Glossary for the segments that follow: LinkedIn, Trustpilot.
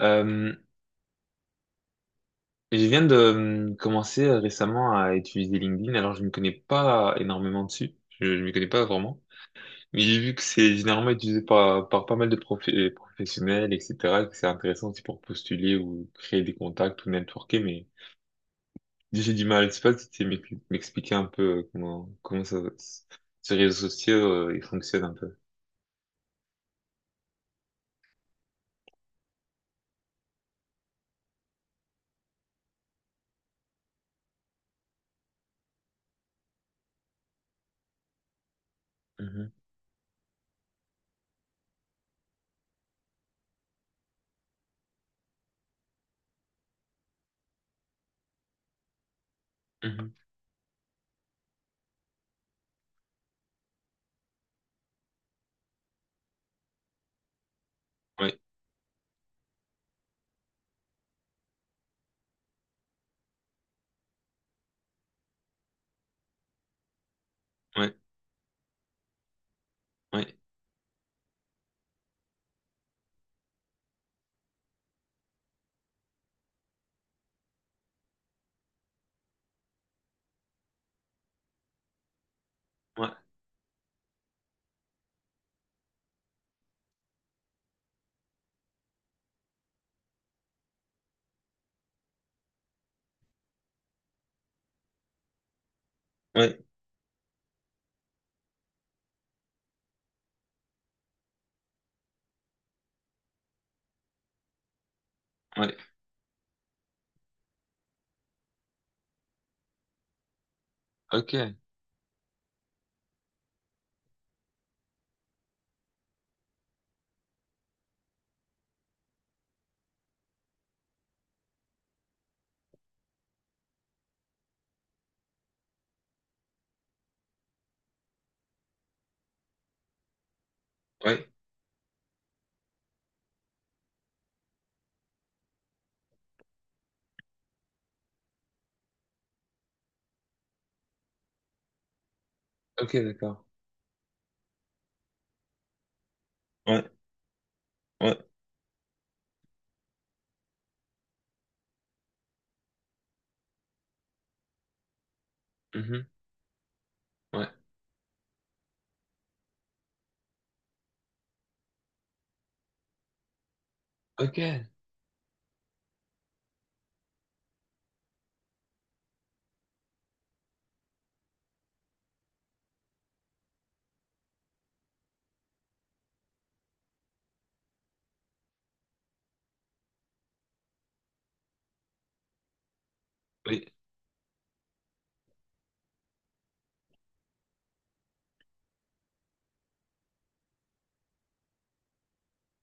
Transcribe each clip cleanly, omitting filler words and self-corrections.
Euh, je viens de commencer récemment à utiliser LinkedIn, alors je ne connais pas énormément dessus, je ne m'y connais pas vraiment, mais j'ai vu que c'est généralement utilisé par pas mal de professionnels, etc., que c'est intéressant aussi pour postuler ou créer des contacts ou networker, mais j'ai du mal, je sais pas si tu sais m'expliquer un peu comment ça, ce réseau social, il fonctionne un peu. Mhm, mhm. Ouais, ouais, ouais, ouais, ouais, ouais, ok, ouais, ok, d'accord, ouais, ouais, mhm, ouais. Ok, oui,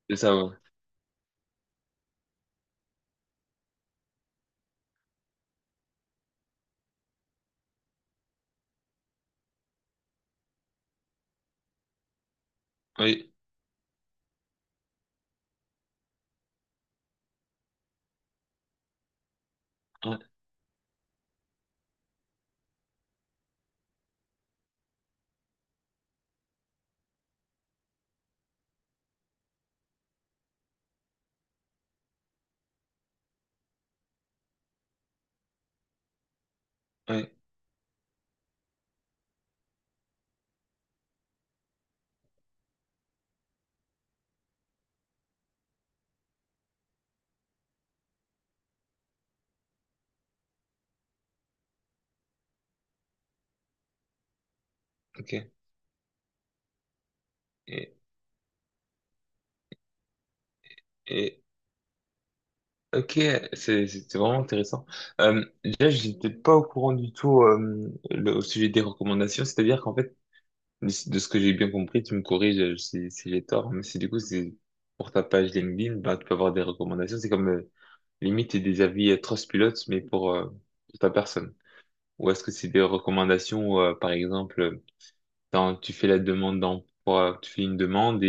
c'est ça, ouais. Oui, ouais, ouais, ok. Et, et ok, c'est vraiment intéressant. Déjà, j'étais pas au courant du tout, au sujet des recommandations, c'est-à-dire qu'en fait, de ce que j'ai bien compris, tu me corriges, si j'ai tort, mais si du coup, c'est pour ta page LinkedIn, bah, tu peux avoir des recommandations, c'est comme limite des avis, Trustpilot, mais pour ta personne. Ou est-ce que c'est des recommandations où, par exemple, quand tu fais la demande d'emploi, tu fais une demande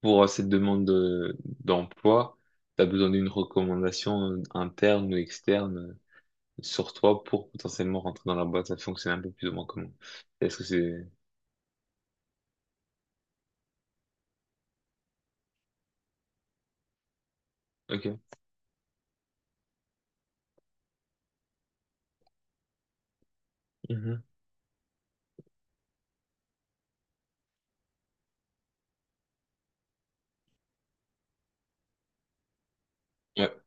pour cette demande d'emploi, tu as besoin d'une recommandation interne ou externe, sur toi pour potentiellement rentrer dans la boîte. Ça fonctionne un peu plus ou moins comment? Est-ce que c'est... Ok. Mhm. Ouais.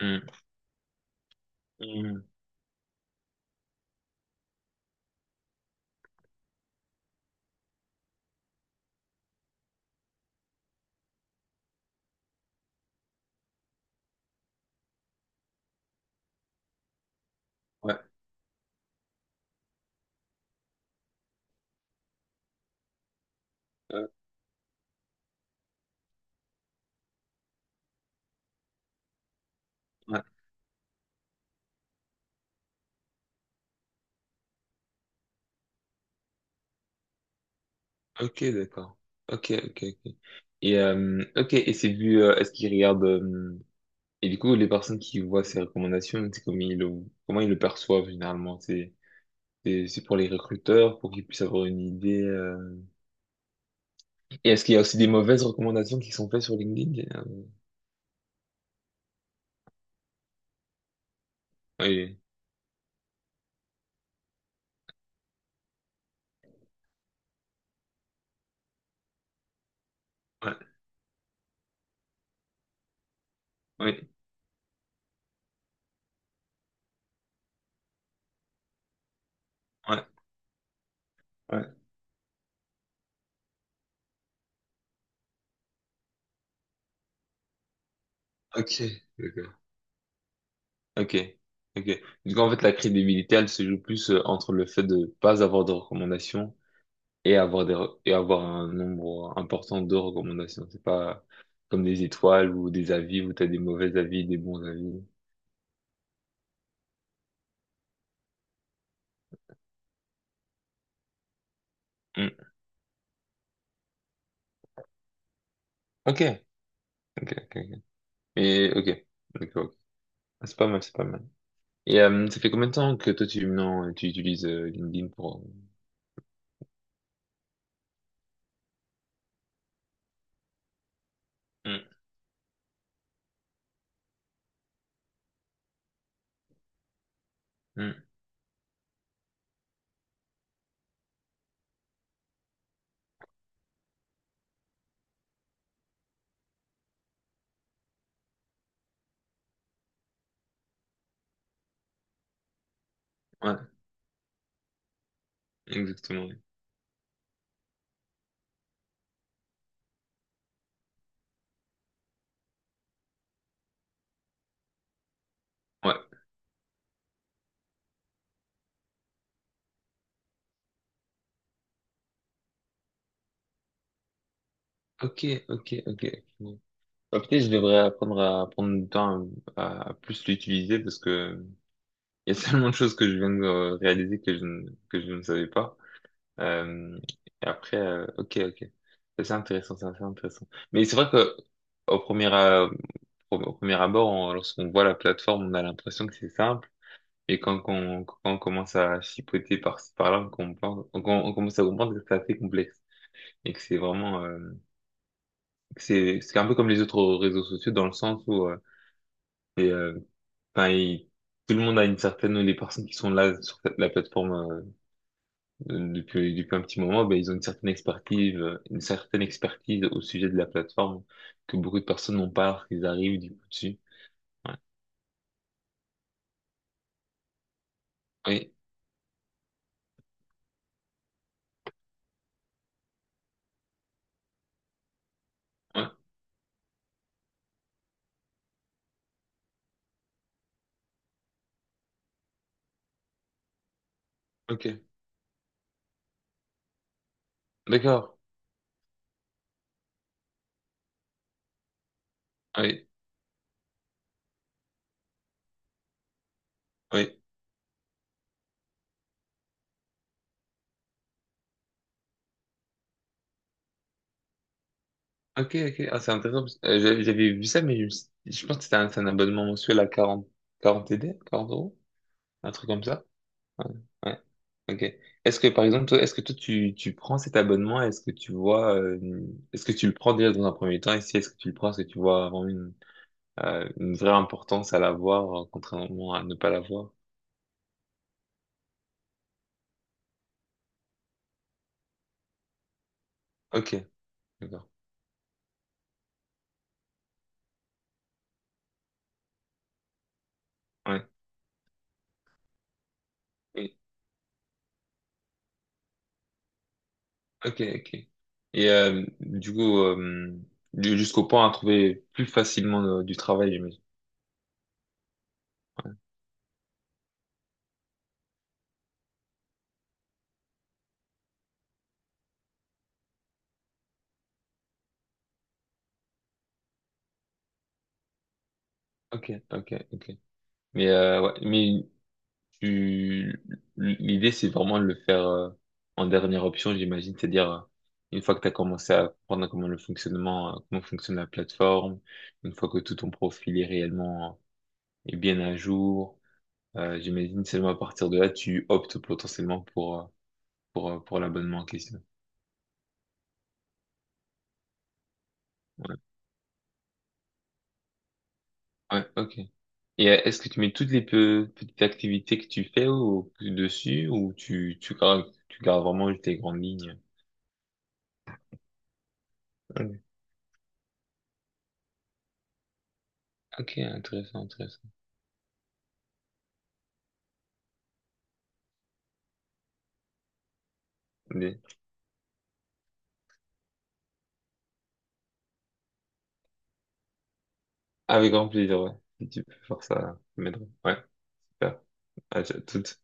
Mhm. Mhm. Ouais. Euh, ouais. Ok, d'accord. Ok, ok, ok. Et, ok. Et c'est vu, est-ce qu'ils regardent... et du coup, les personnes qui voient ces recommandations, c'est comment ils le perçoivent généralement? C'est pour les recruteurs, pour qu'ils puissent avoir une idée. Et est-ce qu'il y a aussi des mauvaises recommandations qui sont faites sur LinkedIn? Oui, ouais, oui, ouais, ouais. Ok, d'accord. Ok, ok. Du coup, en fait, la crédibilité, elle se joue plus entre le fait de pas avoir de recommandations et avoir et avoir un nombre important de recommandations. C'est pas comme des étoiles ou des avis où t'as des mauvais avis, des bons avis. Hmm. Ok, ok, ok, ok. Mais ok, d'accord. Ok. Ah, c'est pas mal, c'est pas mal. Et ça fait combien de temps que toi tu, non, tu utilises LinkedIn pour... hmm. Hmm. Ouais, exactement. Ouais. Ouais. Ok, ok, ok. Ok. Bah, peut-être je devrais apprendre à prendre du temps à plus l'utiliser parce que il y a tellement de choses que je viens de réaliser que je ne savais pas. Euh, et après, ok, ok. C'est intéressant, c'est assez intéressant. Mais c'est vrai que au premier, euh, au premier abord, lorsqu'on voit la plateforme, on a l'impression que c'est simple. Et quand on commence à chipoter par-ci, par-là, on comprend, on commence à comprendre que c'est assez complexe et que c'est vraiment... c'est un peu comme les autres réseaux sociaux, dans le sens où, et, euh, enfin, tout le monde a une certaine, les personnes qui sont là sur la plateforme depuis un petit moment, ben ils ont une certaine expertise, au sujet de la plateforme, que beaucoup de personnes n'ont pas lorsqu'ils arrivent du coup dessus. Ouais. Oui. Ouais. Ok, d'accord. Oui, oui. Ok, ok. Ah, c'est intéressant parce que, j'avais vu ça, mais je pense que c'est un abonnement mensuel à 40 40 TD 40 euros, un truc comme ça. Ouais, ouais. Ok. Est-ce que par exemple, toi, est-ce que toi tu prends cet abonnement? Est-ce que tu vois, est-ce que tu le prends déjà dans un premier temps? Et si est-ce que tu le prends, est-ce que tu vois vraiment une vraie importance à l'avoir, contrairement à ne pas l'avoir? Ok, d'accord. Ouais. Et- ok, ok. Et du coup, jusqu'au point à trouver plus facilement du travail, j'imagine. Ok, ok, ok. Mais ouais, tu- l'idée, c'est vraiment de le faire en dernière option, j'imagine, c'est-à-dire une fois que tu as commencé à comprendre comment fonctionne la plateforme, une fois que tout ton profil est réellement est bien à jour, j'imagine seulement à partir de là, tu optes potentiellement pour l'abonnement en question. Ouais, ouais, ok. Et est-ce que tu mets toutes les petites activités que tu fais au, dessus ou tu gardes vraiment tes grandes lignes? Ok, ok, intéressant, intéressant. Ah, avec grand plaisir, ouais. Si tu peux faire ça, ça m'aiderait. Ouais, super. À toute.